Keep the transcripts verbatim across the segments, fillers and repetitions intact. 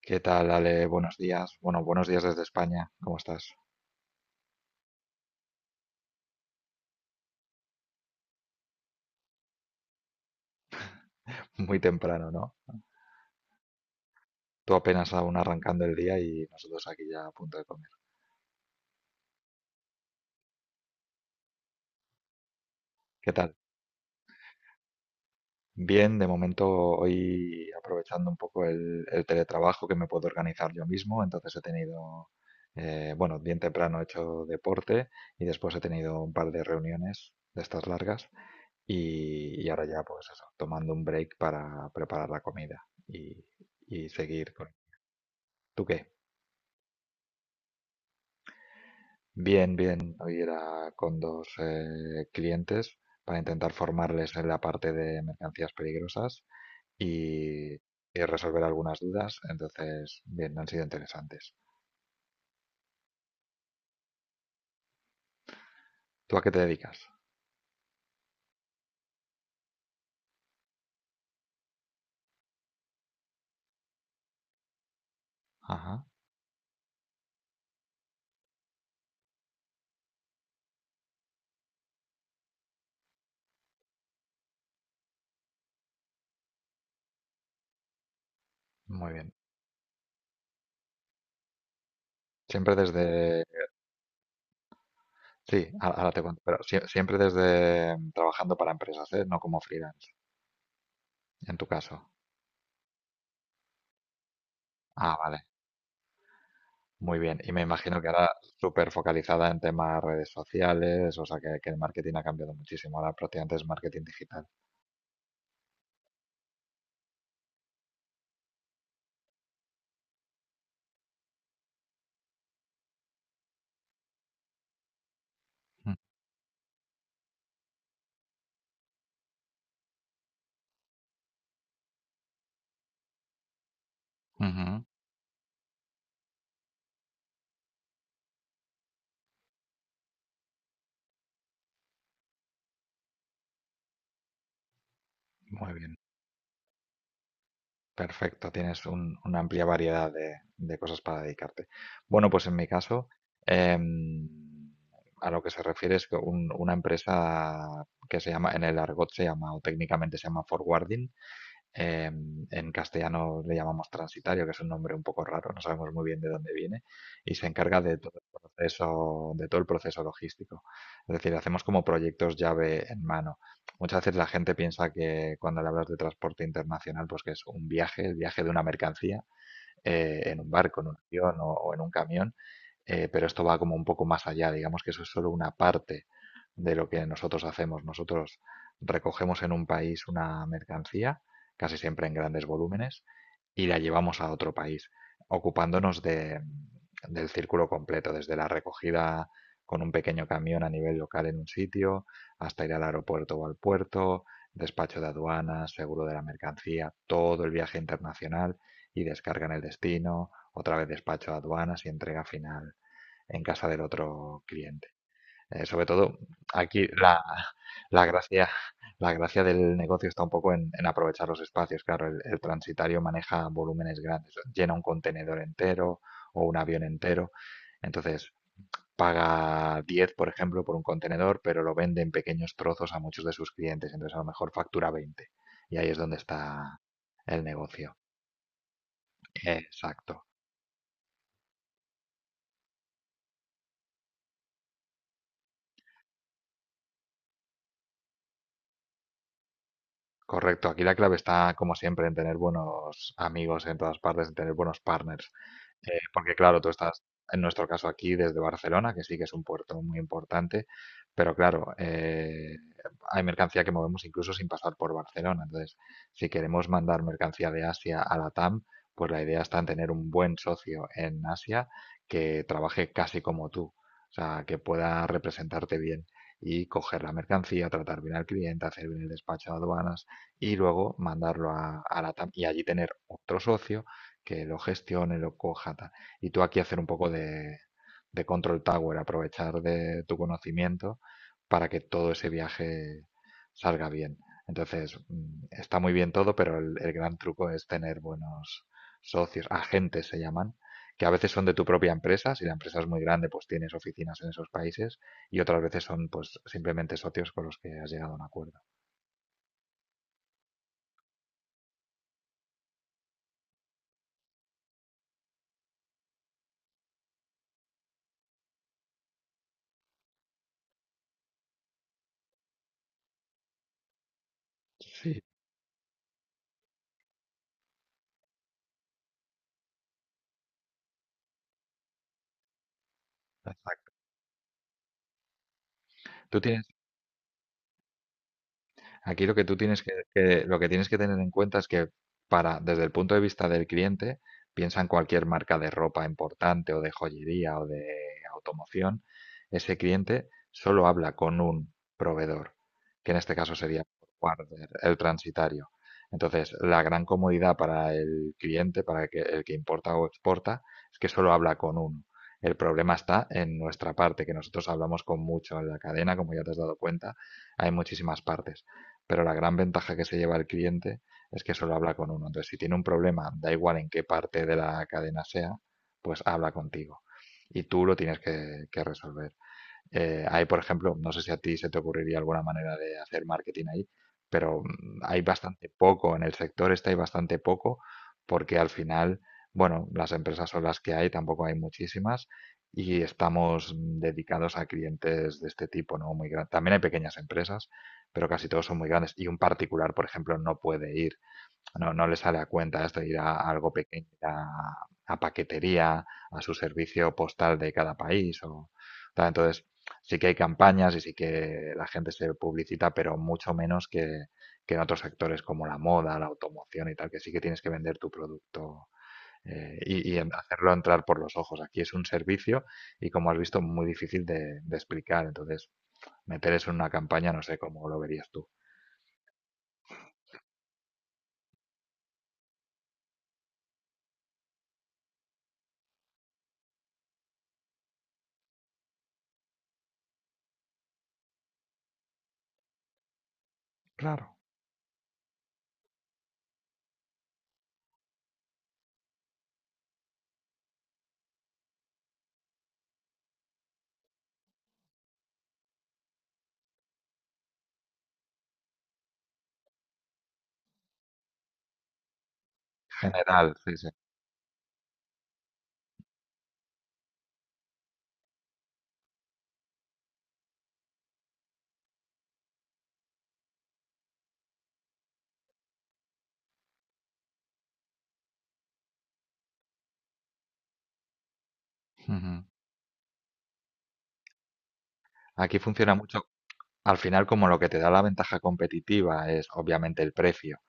¿Qué tal, Ale? Buenos días. Bueno, buenos días desde España. ¿Cómo estás? Muy temprano, ¿no? Tú apenas aún arrancando el día y nosotros aquí ya a punto de comer. ¿Qué tal? Bien, de momento hoy aprovechando un poco el, el teletrabajo que me puedo organizar yo mismo, entonces he tenido, eh, bueno, bien temprano he hecho deporte y después he tenido un par de reuniones de estas largas y, y ahora ya pues eso, tomando un break para preparar la comida y, y seguir con... ¿Tú qué? Bien, bien. Hoy era con dos eh, clientes para intentar formarles en la parte de mercancías peligrosas y, y resolver algunas dudas. Entonces, bien, han sido interesantes. ¿Tú a qué te dedicas? Ajá, muy bien. Siempre desde... Sí, a- ahora te cuento, pero sie- siempre desde mm, trabajando para empresas, ¿eh? No como freelance, en tu caso. Ah, vale. Muy bien. Y me imagino que ahora súper focalizada en temas redes sociales, o sea que, que el marketing ha cambiado muchísimo. Ahora prácticamente es marketing digital. Mm, ujú. Muy bien, perfecto. Tienes un- una amplia variedad de, de cosas para dedicarte. Bueno, pues en mi caso, em, a lo que se refiere es que un- una empresa que se llama, en el argot se llama, o técnicamente se llama forwarding, Eh, en castellano le llamamos transitario, que es un nombre un poco raro, no sabemos muy bien de dónde viene, y se encarga de todo el proceso, de todo el proceso logístico. Es decir, hacemos como proyectos llave en mano. Muchas veces la gente piensa que cuando le hablas de transporte internacional, pues que es un viaje, el viaje de una mercancía eh, en un barco, en un avión o, o en un camión, eh, pero esto va como un poco más allá, digamos que eso es solo una parte de lo que nosotros hacemos. Nosotros recogemos en un país una mercancía, casi siempre en grandes volúmenes, y la llevamos a otro país, ocupándonos de, del círculo completo, desde la recogida con un pequeño camión a nivel local en un sitio, hasta ir al aeropuerto o al puerto, despacho de aduanas, seguro de la mercancía, todo el viaje internacional y descarga en el destino, otra vez despacho de aduanas y entrega final en casa del otro cliente. Eh, sobre todo, aquí la, la gracia, la gracia del negocio está un poco en, en aprovechar los espacios. Claro, el, el transitario maneja volúmenes grandes, llena un contenedor entero o un avión entero. Entonces, paga diez, por ejemplo, por un contenedor, pero lo vende en pequeños trozos a muchos de sus clientes. Entonces, a lo mejor factura veinte. Y ahí es donde está el negocio. Exacto. Correcto, aquí la clave está, como siempre, en tener buenos amigos en todas partes, en tener buenos partners. Eh, porque claro, tú estás, en nuestro caso aquí, desde Barcelona, que sí que es un puerto muy importante, pero claro, eh, hay mercancía que movemos incluso sin pasar por Barcelona. Entonces, si queremos mandar mercancía de Asia a la Tam, pues la idea está en tener un buen socio en Asia que trabaje casi como tú, o sea, que pueda representarte bien y coger la mercancía, tratar bien al cliente, hacer bien el despacho de aduanas y luego mandarlo a, a la Tam y allí tener otro socio que lo gestione, lo coja. Tal. Y tú aquí hacer un poco de, de control tower, aprovechar de tu conocimiento para que todo ese viaje salga bien. Entonces, mm, está muy bien todo, pero el, el gran truco es tener buenos socios, agentes se llaman, que a veces son de tu propia empresa, si la empresa es muy grande, pues tienes oficinas en esos países, y otras veces son pues simplemente socios con los que has llegado a un acuerdo. Sí. Exacto. ¿Tú tienes Aquí lo que tú tienes que, que- lo que tienes que tener en cuenta es que para, desde el punto de vista del cliente, piensa en cualquier marca de ropa importante o de joyería o de automoción, ese cliente solo habla con un proveedor, que en este caso sería Warner, el transitario. Entonces, la gran comodidad para el cliente, para el que, el que importa o exporta, es que solo habla con uno. El problema está en nuestra parte, que nosotros hablamos con mucho en la cadena, como ya te has dado cuenta, hay muchísimas partes, pero la gran ventaja que se lleva el cliente es que solo habla con uno. Entonces, si tiene un problema, da igual en qué parte de la cadena sea, pues habla contigo. Y tú lo tienes que, que resolver. Eh, hay, por ejemplo, no sé si a ti se te ocurriría alguna manera de hacer marketing ahí, pero mm, hay bastante poco en el sector, este hay bastante poco, porque al final, bueno, las empresas son las que hay, tampoco hay muchísimas, y estamos mm, dedicados a clientes de este tipo, ¿no? Muy grandes. También hay pequeñas empresas, pero casi todos son muy grandes, y un particular, por ejemplo, no puede ir. No, no le sale a cuenta esto de ir a algo pequeño, ir a, a paquetería, a su servicio postal de cada país o tal. Entonces, sí que hay campañas y sí que la gente se publicita, pero mucho menos que, que en otros sectores como la moda, la automoción y tal, que sí que tienes que vender tu producto eh, y, y en- hacerlo entrar por los ojos. Aquí es un servicio y como has visto, muy difícil de, de explicar. Entonces, meter eso en una campaña, no sé cómo lo verías tú. Claro. General, sí, sí. Ujú. Aquí funciona mucho. Al final, como lo que te da la ventaja competitiva es obviamente el precio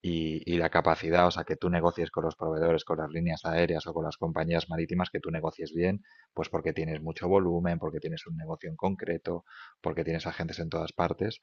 y, y la capacidad, o sea, que tú negocies con los proveedores, con las líneas aéreas o con las compañías marítimas, que tú negocies bien, pues porque tienes mucho volumen, porque tienes un negocio en concreto, porque tienes agentes en todas partes.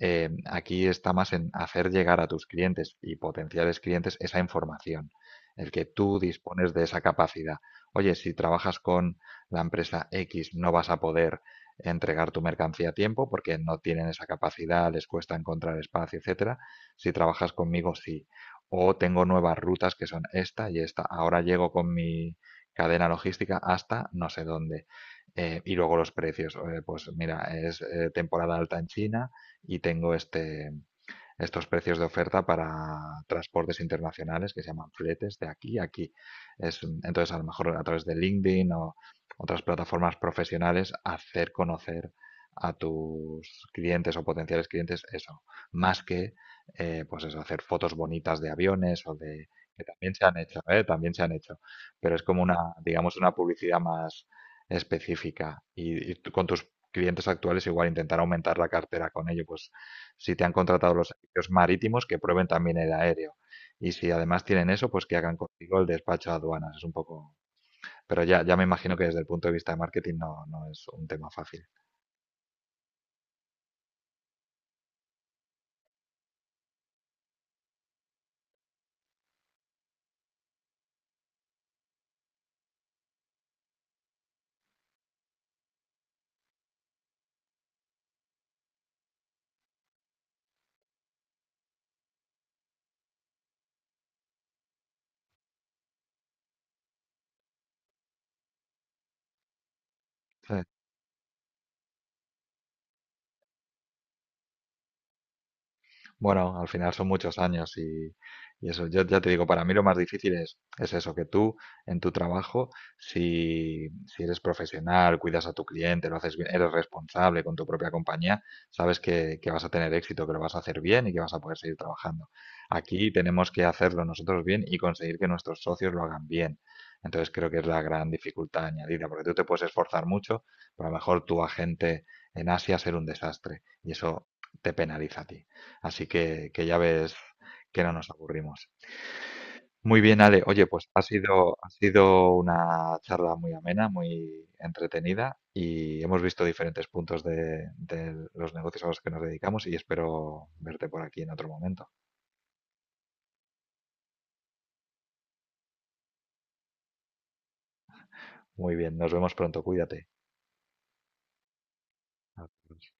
Eh, aquí está más en hacer llegar a tus clientes y potenciales clientes esa información, el que tú dispones de esa capacidad. Oye, si trabajas con la empresa equis, no vas a poder entregar tu mercancía a tiempo porque no tienen esa capacidad, les cuesta encontrar espacio, etcétera. Si trabajas conmigo, sí. O tengo nuevas rutas que son esta y esta. Ahora llego con mi cadena logística hasta no sé dónde. Eh, y luego los precios. eh, pues mira, es eh, temporada alta en China y tengo este, estos precios de oferta para transportes internacionales que se llaman fletes de aquí a aquí. Es, entonces, a lo mejor a través de LinkedIn o otras plataformas profesionales, hacer conocer a tus clientes o potenciales clientes eso, más que eh, pues eso, hacer fotos bonitas de aviones o de que también se han hecho, ¿eh? También se han hecho, pero es como una, digamos, una publicidad más específica y, y tú con tus clientes actuales igual intentar aumentar la cartera con ello, pues si te han contratado los servicios marítimos, que prueben también el aéreo. Y si además tienen eso, pues que hagan contigo el despacho a aduanas. Es un poco... Pero ya, ya me imagino que desde el punto de vista de marketing no, no es un tema fácil. Sí. Bueno, al final son muchos años y, y eso, yo ya te digo, para mí lo más difícil es, es eso, que tú en tu trabajo, si, si eres profesional, cuidas a tu cliente, lo haces bien, eres responsable con tu propia compañía, sabes que, que vas a tener éxito, que lo vas a hacer bien y que vas a poder seguir trabajando. Aquí tenemos que hacerlo nosotros bien y conseguir que nuestros socios lo hagan bien. Entonces creo que es la gran dificultad añadida, porque tú te puedes esforzar mucho, pero a lo mejor tu agente en Asia ser un desastre y eso te penaliza a ti. Así que, que ya ves que no nos aburrimos. Muy bien, Ale. Oye, pues ha sido, ha sido una charla muy amena, muy entretenida y hemos visto diferentes puntos de, de los negocios a los que nos dedicamos y espero verte por aquí en otro momento. Muy bien, nos vemos pronto. Cuídate. Adiós.